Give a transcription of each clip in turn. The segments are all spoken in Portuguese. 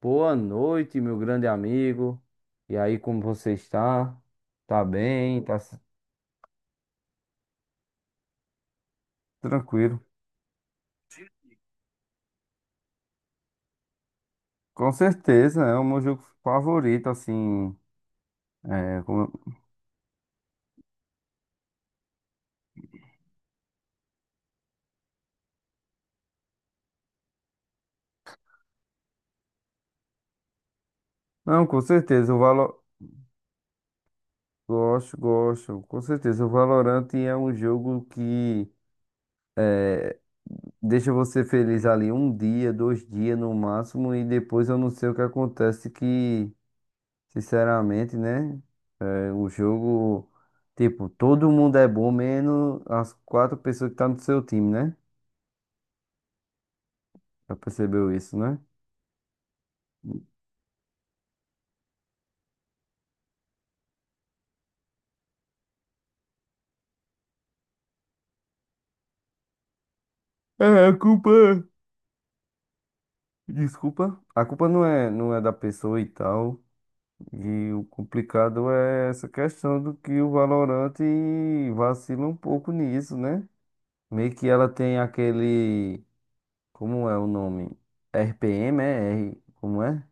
Boa noite, meu grande amigo. E aí, como você está? Tá bem? Tranquilo? Com certeza, é o meu jogo favorito, assim. é, como- Não, com certeza, o Valor... Gosto, gosto. Com certeza, o Valorant é um jogo que deixa você feliz ali um dia, dois dias no máximo, e depois eu não sei o que acontece que, sinceramente, né? O jogo, tipo, todo mundo é bom, menos as quatro pessoas que tá no seu time, né? Já percebeu isso, né? É, a culpa. Desculpa. A culpa não é da pessoa e tal. E o complicado é essa questão do que o Valorant vacila um pouco nisso, né? Meio que ela tem aquele. Como é o nome? RPM, é? R, como é?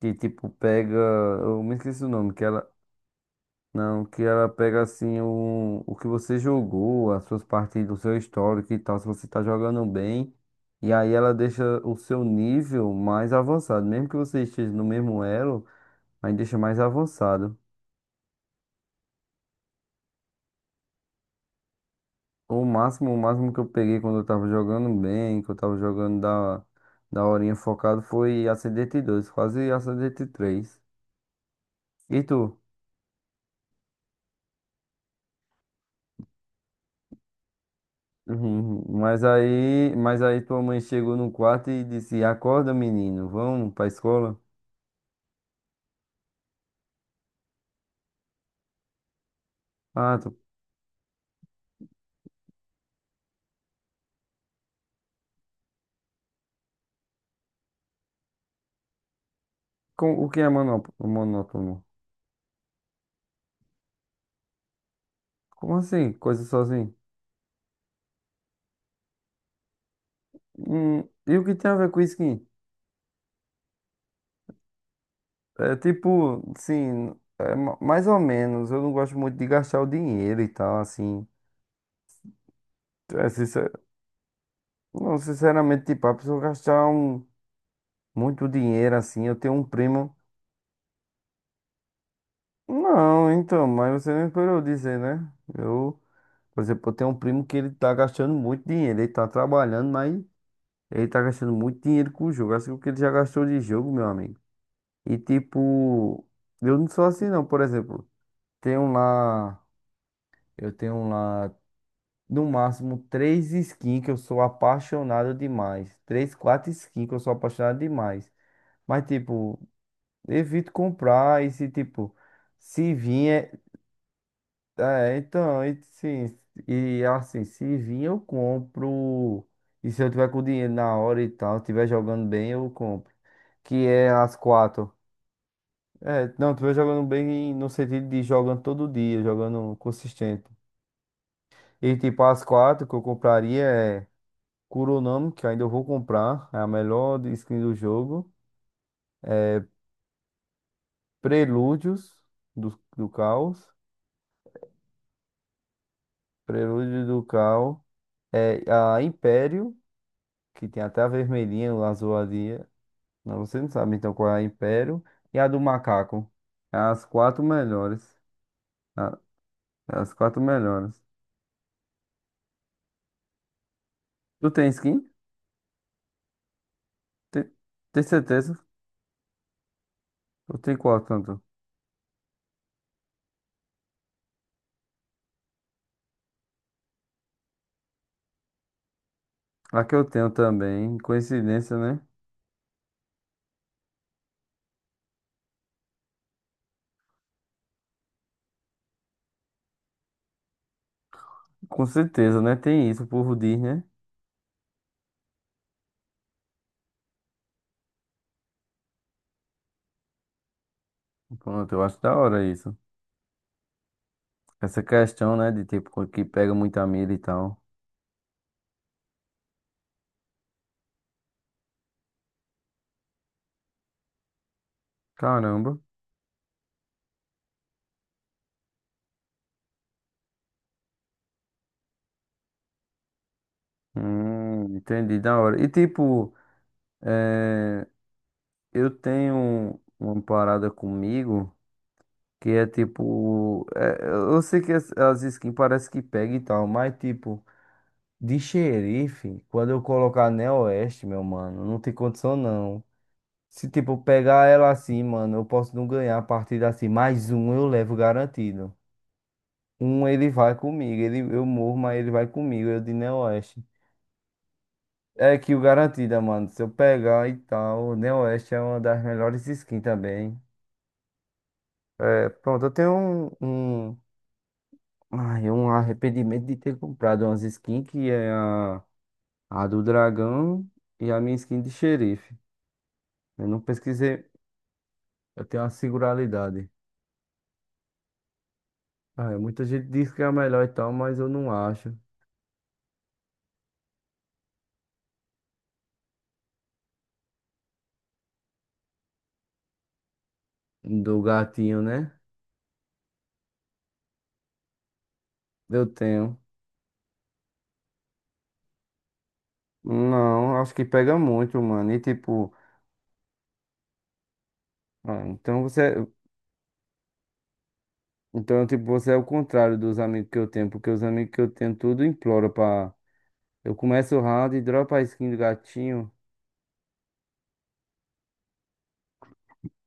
Que tipo pega. Eu me esqueci o nome. Que ela Não, que ela pega assim o que você jogou, as suas partidas, o seu histórico e tal, se você tá jogando bem. E aí ela deixa o seu nível mais avançado. Mesmo que você esteja no mesmo elo, aí deixa mais avançado. O máximo que eu peguei quando eu tava jogando bem, que eu tava jogando da horinha focado, foi a Ascendente 2 quase a Ascendente três. E tu? Uhum. Mas aí tua mãe chegou no quarto e disse: Acorda, menino, vamos pra escola. Ah, tô O que é monótono? Como assim? Coisa sozinho? Hum, e o que tem a ver com skin? É tipo, sim, é mais ou menos. Eu não gosto muito de gastar o dinheiro e tal, assim. É, sincer- Não, sinceramente, tipo, a pessoa gastar muito dinheiro assim. Eu tenho um primo. Não, então, mas você não esperou eu dizer, né? Eu, por exemplo, eu tenho um primo que ele tá gastando muito dinheiro. Ele tá trabalhando, mas ele tá gastando muito dinheiro com o jogo. Assim, o que ele já gastou de jogo, meu amigo. E tipo, eu não sou assim não, por exemplo, tenho lá, eu tenho um lá no máximo três skins que eu sou apaixonado demais. Três, quatro skins que eu sou apaixonado demais. Mas tipo, evito comprar e se tipo, se vir é, então, e, sim, e assim, se vir eu compro. E se eu tiver com dinheiro na hora e tal, estiver jogando bem, eu compro. Que é as quatro. É, não, tu vem jogando bem no sentido de jogando todo dia, jogando consistente. E tipo, as quatro que eu compraria é Kuronami, que ainda eu vou comprar, é a skin do jogo. Prelúdios do Caos. Prelúdios do Caos. É a Império, que tem até a vermelhinha, a azuladinha. Não, você não sabe então qual é a Império. E a do Macaco. É as quatro melhores. A- é as quatro melhores. Tu tem skin? Tem, tem certeza? Eu tenho qual tanto? A que eu tenho também, coincidência, né? Com certeza, né? Tem isso, o povo diz, né? Pronto, eu acho da hora isso. Essa questão, né, de tipo, que pega muita milha e tal. Caramba. Entendi, da hora. E tipo, eu tenho uma parada comigo que é tipo. É, eu sei que as skins parece que pega e tal, mas tipo, de xerife, quando eu colocar Neo Oeste, meu mano, não tem condição não. Se, tipo, pegar ela assim, mano, eu posso não ganhar a partida assim. Mais um eu levo garantido. Um ele vai comigo. Ele, eu morro, mas ele vai comigo. Eu de Neoeste. É que o garantida, mano. Se eu pegar e tal, o Neoeste é uma das melhores skins também. É, pronto, eu tenho um, um, ai, um arrependimento de ter comprado umas skins que é a do dragão e a minha skin de xerife. Eu não pesquisei, eu tenho uma singularidade. Ah, muita gente diz que é a melhor e tal, mas eu não acho. Do gatinho, né? Eu tenho. Não, acho que pega muito, mano. E tipo, ah, então você, então tipo, você é o contrário dos amigos que eu tenho, porque os amigos que eu tenho tudo implora pra. Eu começo o round e dropo a skin do gatinho,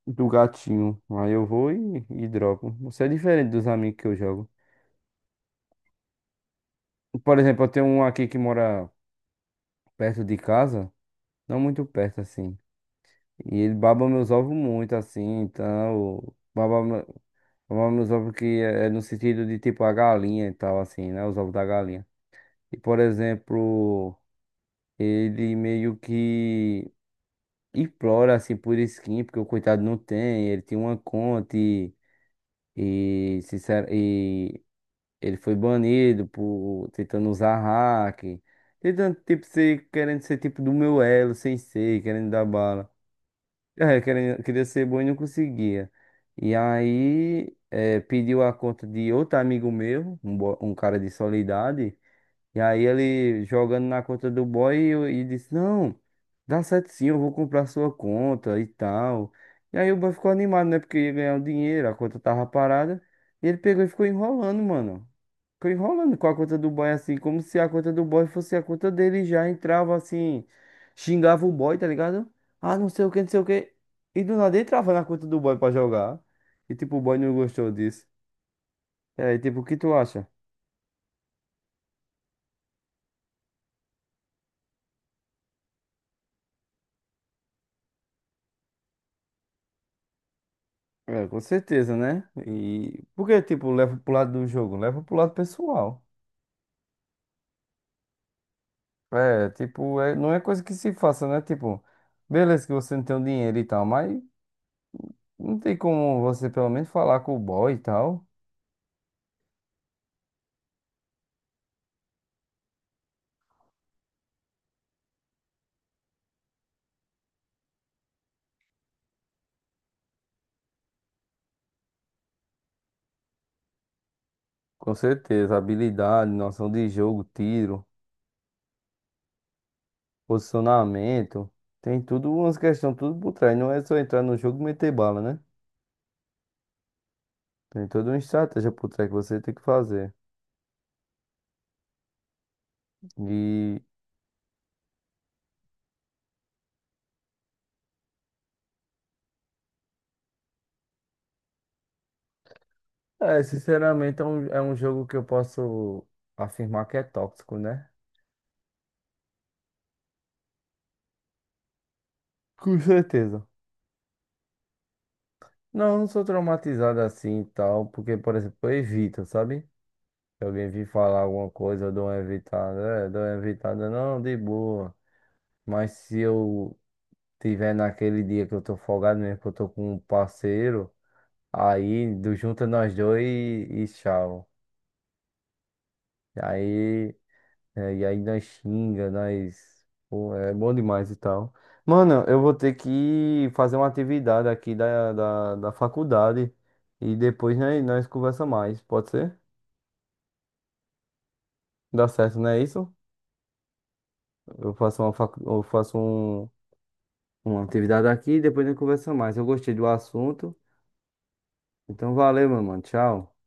do gatinho. Aí eu vou e dropo. Você é diferente dos amigos que eu jogo. Por exemplo, eu tenho um aqui que mora perto de casa, não muito perto assim. E ele baba meus ovos muito assim, então baba. Mamamos nos ovos que é no sentido de tipo a galinha e tal, assim, né? Os ovos da galinha. E, por exemplo, ele meio que implora, assim, por skin, porque o coitado não tem, ele tinha uma conta sincero, e ele foi banido por tentando usar hack, tentando, tipo, ser, querendo ser tipo do meu elo, sem ser, querendo dar bala. É, queria, queria ser bom e não conseguia. E aí, é, pediu a conta de outro amigo meu, um, um cara de Soledade. E aí, ele jogando na conta do boy e disse: Não, dá certo sim, eu vou comprar sua conta e tal. E aí, o boy ficou animado, né? Porque ia ganhar o dinheiro, a conta tava parada. E ele pegou e ficou enrolando, mano. Ficou enrolando com a conta do boy assim, como se a conta do boy fosse a conta dele e já entrava assim, xingava o boy, tá ligado? Ah, não sei o que, não sei o que. E do nada entrava na conta do boy pra jogar. E tipo, o boy não gostou disso. É, e aí, tipo, o que tu acha? É, com certeza, né? E porque, tipo, leva pro lado do jogo, leva pro lado pessoal. É, tipo, é, não é coisa que se faça, né? Tipo, beleza que você não tem o dinheiro e tal, mas não tem como você pelo menos falar com o boy e tal. Com certeza, habilidade, noção de jogo, tiro, posicionamento, tem tudo umas questões, tudo por trás. Não é só entrar no jogo e meter bala, né? Tem toda uma estratégia por trás que você tem que fazer. E, é, sinceramente, é um jogo que eu posso afirmar que é tóxico, né? Com certeza. Não, não sou traumatizado assim e tal, porque, por exemplo, eu evito, sabe? Se alguém vir falar alguma coisa, eu dou uma evitada, é, dou uma evitada, não, de boa. Mas se eu tiver naquele dia que eu tô folgado mesmo, que eu tô com um parceiro, aí do junta nós dois e tchau. E aí, é, e aí nós xinga, nós. Pô, é bom demais e tal. Mano, eu vou ter que fazer uma atividade aqui da faculdade e depois nós conversa mais, pode ser? Dá certo, não é isso? Eu faço eu faço uma atividade aqui e depois nós conversa mais. Eu gostei do assunto. Então valeu, meu mano. Tchau.